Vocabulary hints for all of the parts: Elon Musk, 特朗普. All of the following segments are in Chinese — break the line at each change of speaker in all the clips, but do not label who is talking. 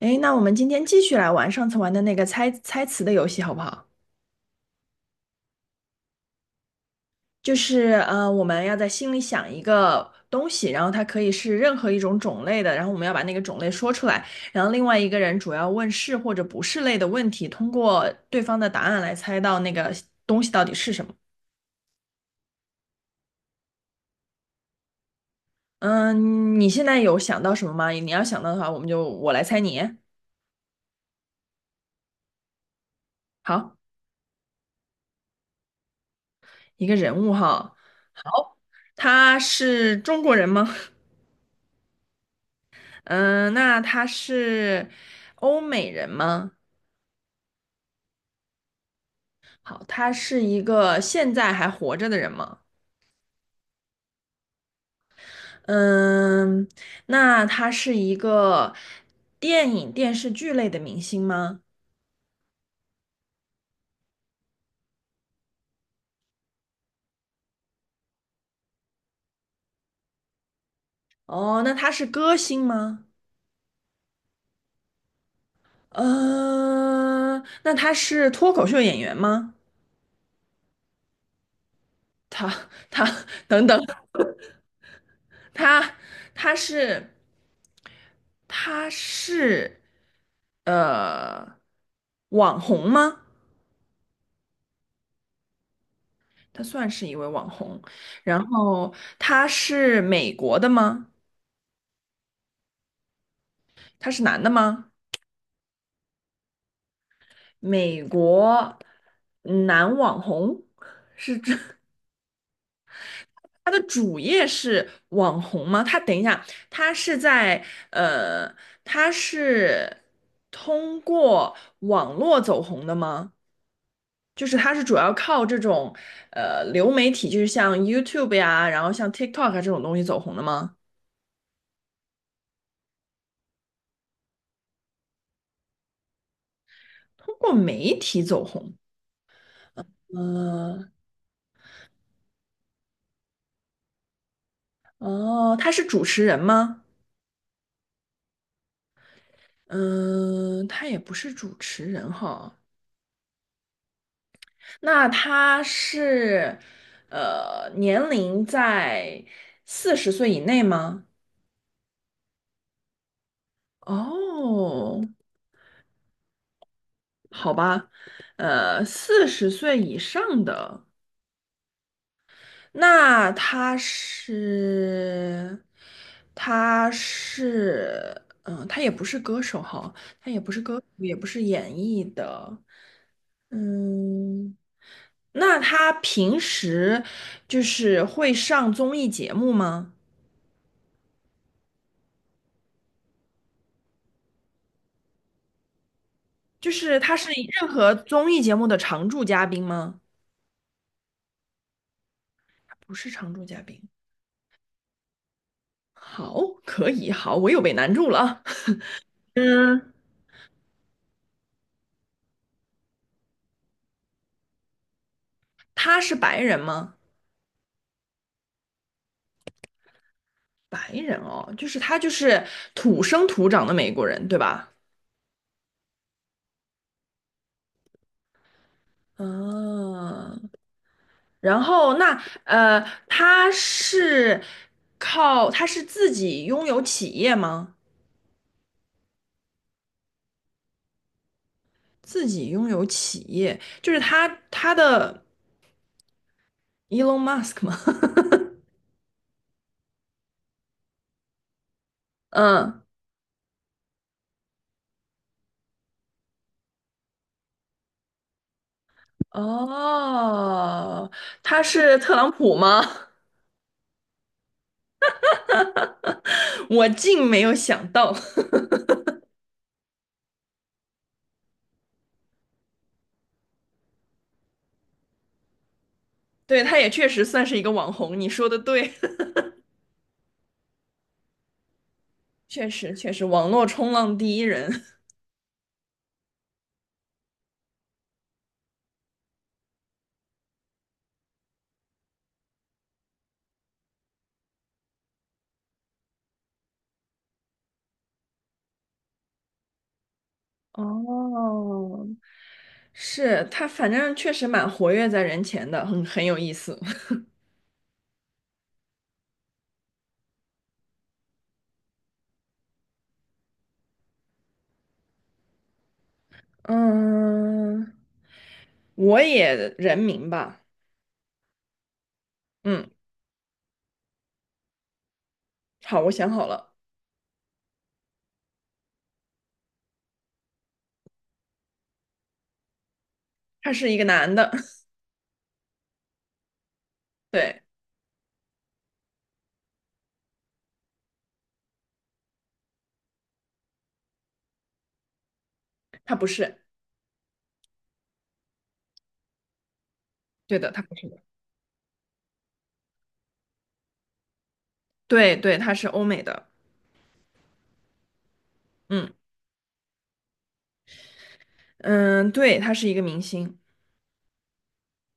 诶，那我们今天继续来玩上次玩的那个猜猜词的游戏，好不好？就是我们要在心里想一个东西，然后它可以是任何一种种类的，然后我们要把那个种类说出来，然后另外一个人主要问是或者不是类的问题，通过对方的答案来猜到那个东西到底是什么。嗯，你现在有想到什么吗？你要想到的话，我们就我来猜你。好，一个人物哈，他是中国人吗？嗯，那他是欧美人吗？好，他是一个现在还活着的人吗？嗯，那他是一个电影、电视剧类的明星吗？哦，那他是歌星吗？呃，那他是脱口秀演员吗？他他 等等，他他是他是呃网红吗？他算是一位网红，然后他是美国的吗？他是男的吗？美国嗯男网红，他的主业是网红吗？他等一下，呃，他是通过网络走红的吗？就是他是主要靠这种流媒体，就是像 YouTube 呀，然后像 TikTok 啊这种东西走红的吗？通过媒体走红，呃，哦，他是主持人吗？嗯、他也不是主持人哈。那他是，呃，年龄在40岁以内吗？哦，好吧，40岁以上的，那他是，他是，嗯、他也不是歌手哈，他也不是歌手，也不是演艺的，嗯，那他平时就是会上综艺节目吗？就是他是任何综艺节目的常驻嘉宾吗？不是常驻嘉宾。好，可以，好，我又被难住了啊 嗯，他是白人吗？白人哦，他就是土生土长的美国人，对吧？嗯，然后那呃，他是靠他是自己拥有企业吗？自己拥有企业，就是他他的 Elon Musk 吗？嗯。哦，他是特朗普吗？我竟没有想到，对，他也确实算是一个网红。你说的对，确实确实，网络冲浪第一人。哦，是他，反正确实蛮活跃在人前的，很有意思。嗯，我也人名吧。嗯，好，我想好了，他是一个男的，对，他不是，对的，他不是的对对，他是欧美的。嗯嗯，对，他是一个明星。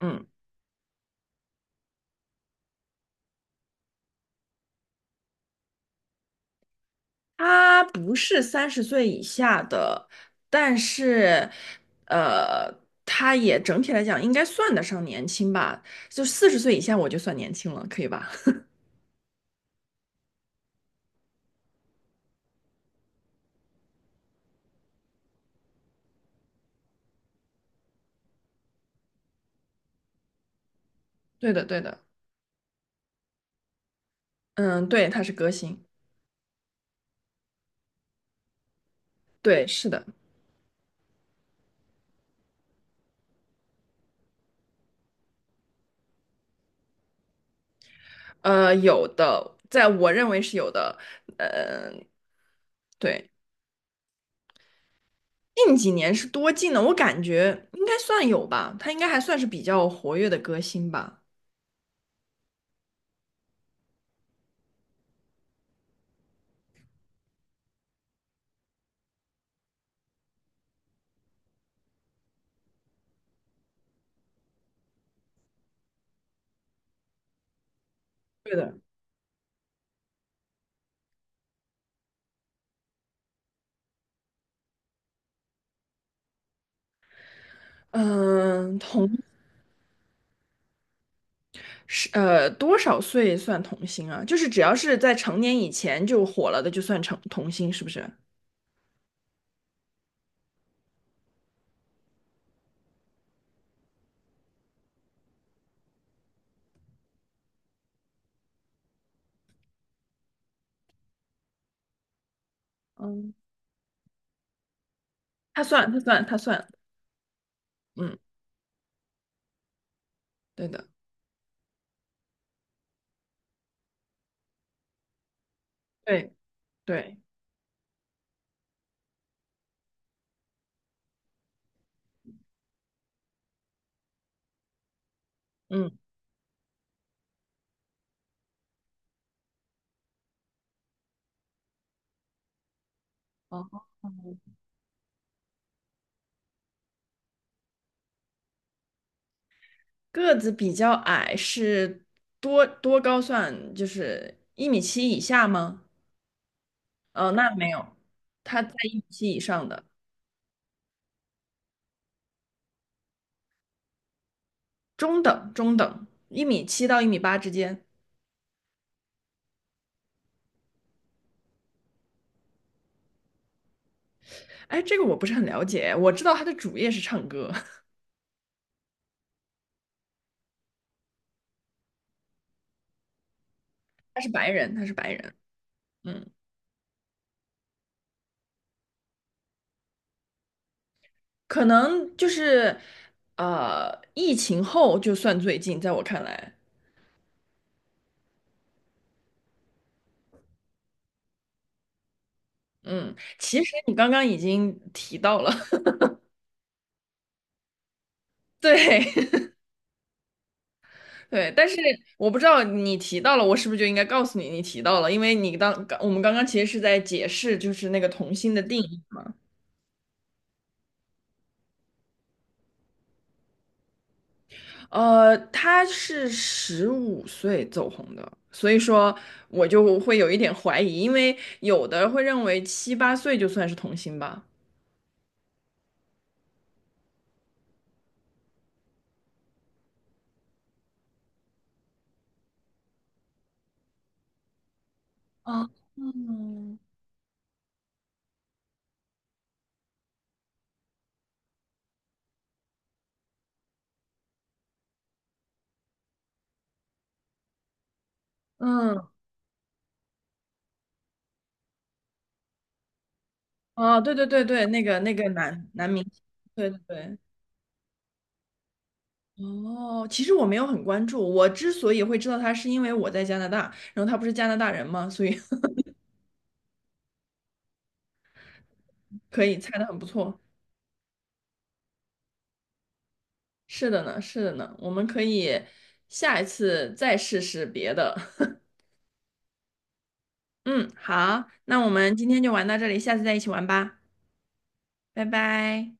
嗯，他不是30岁以下的，但是，呃，他也整体来讲应该算得上年轻吧，就40岁以下我就算年轻了，可以吧？对的，对的，嗯，对，他是歌星，对，是的，有的，在我认为是有的，呃对，近几年是多近呢？我感觉应该算有吧，他应该还算是比较活跃的歌星吧。对的。嗯，同。多少岁算童星啊？就是只要是在成年以前就火了的，就算成童星，是不是？嗯，他算，他算，他算。嗯，对的，对对，嗯，哦，个子比较矮是多高算？就是1.7米以下吗？那没有，他在1.7米以上的，中等中等，1.7米到1.8米之间。哎，这个我不是很了解，我知道他的主业是唱歌，他是白人，他是白人。嗯。可能就是疫情后就算最近，在我看来，嗯，其实你刚刚已经提到了，对 对，但是我不知道你提到了，我是不是就应该告诉你你提到了，因为你当刚我们刚刚其实是在解释就是那个童星的定义，他是15岁走红的。所以说，我就会有一点怀疑，因为有的会认为七八岁就算是童星吧。哦，嗯，嗯，哦，对对对对，那个男明星，对对对。哦，其实我没有很关注，我之所以会知道他，是因为我在加拿大，然后他不是加拿大人嘛，所以 可以猜的很不错。是的呢，是的呢，我们可以下一次再试试别的。嗯，好，那我们今天就玩到这里，下次再一起玩吧，拜拜。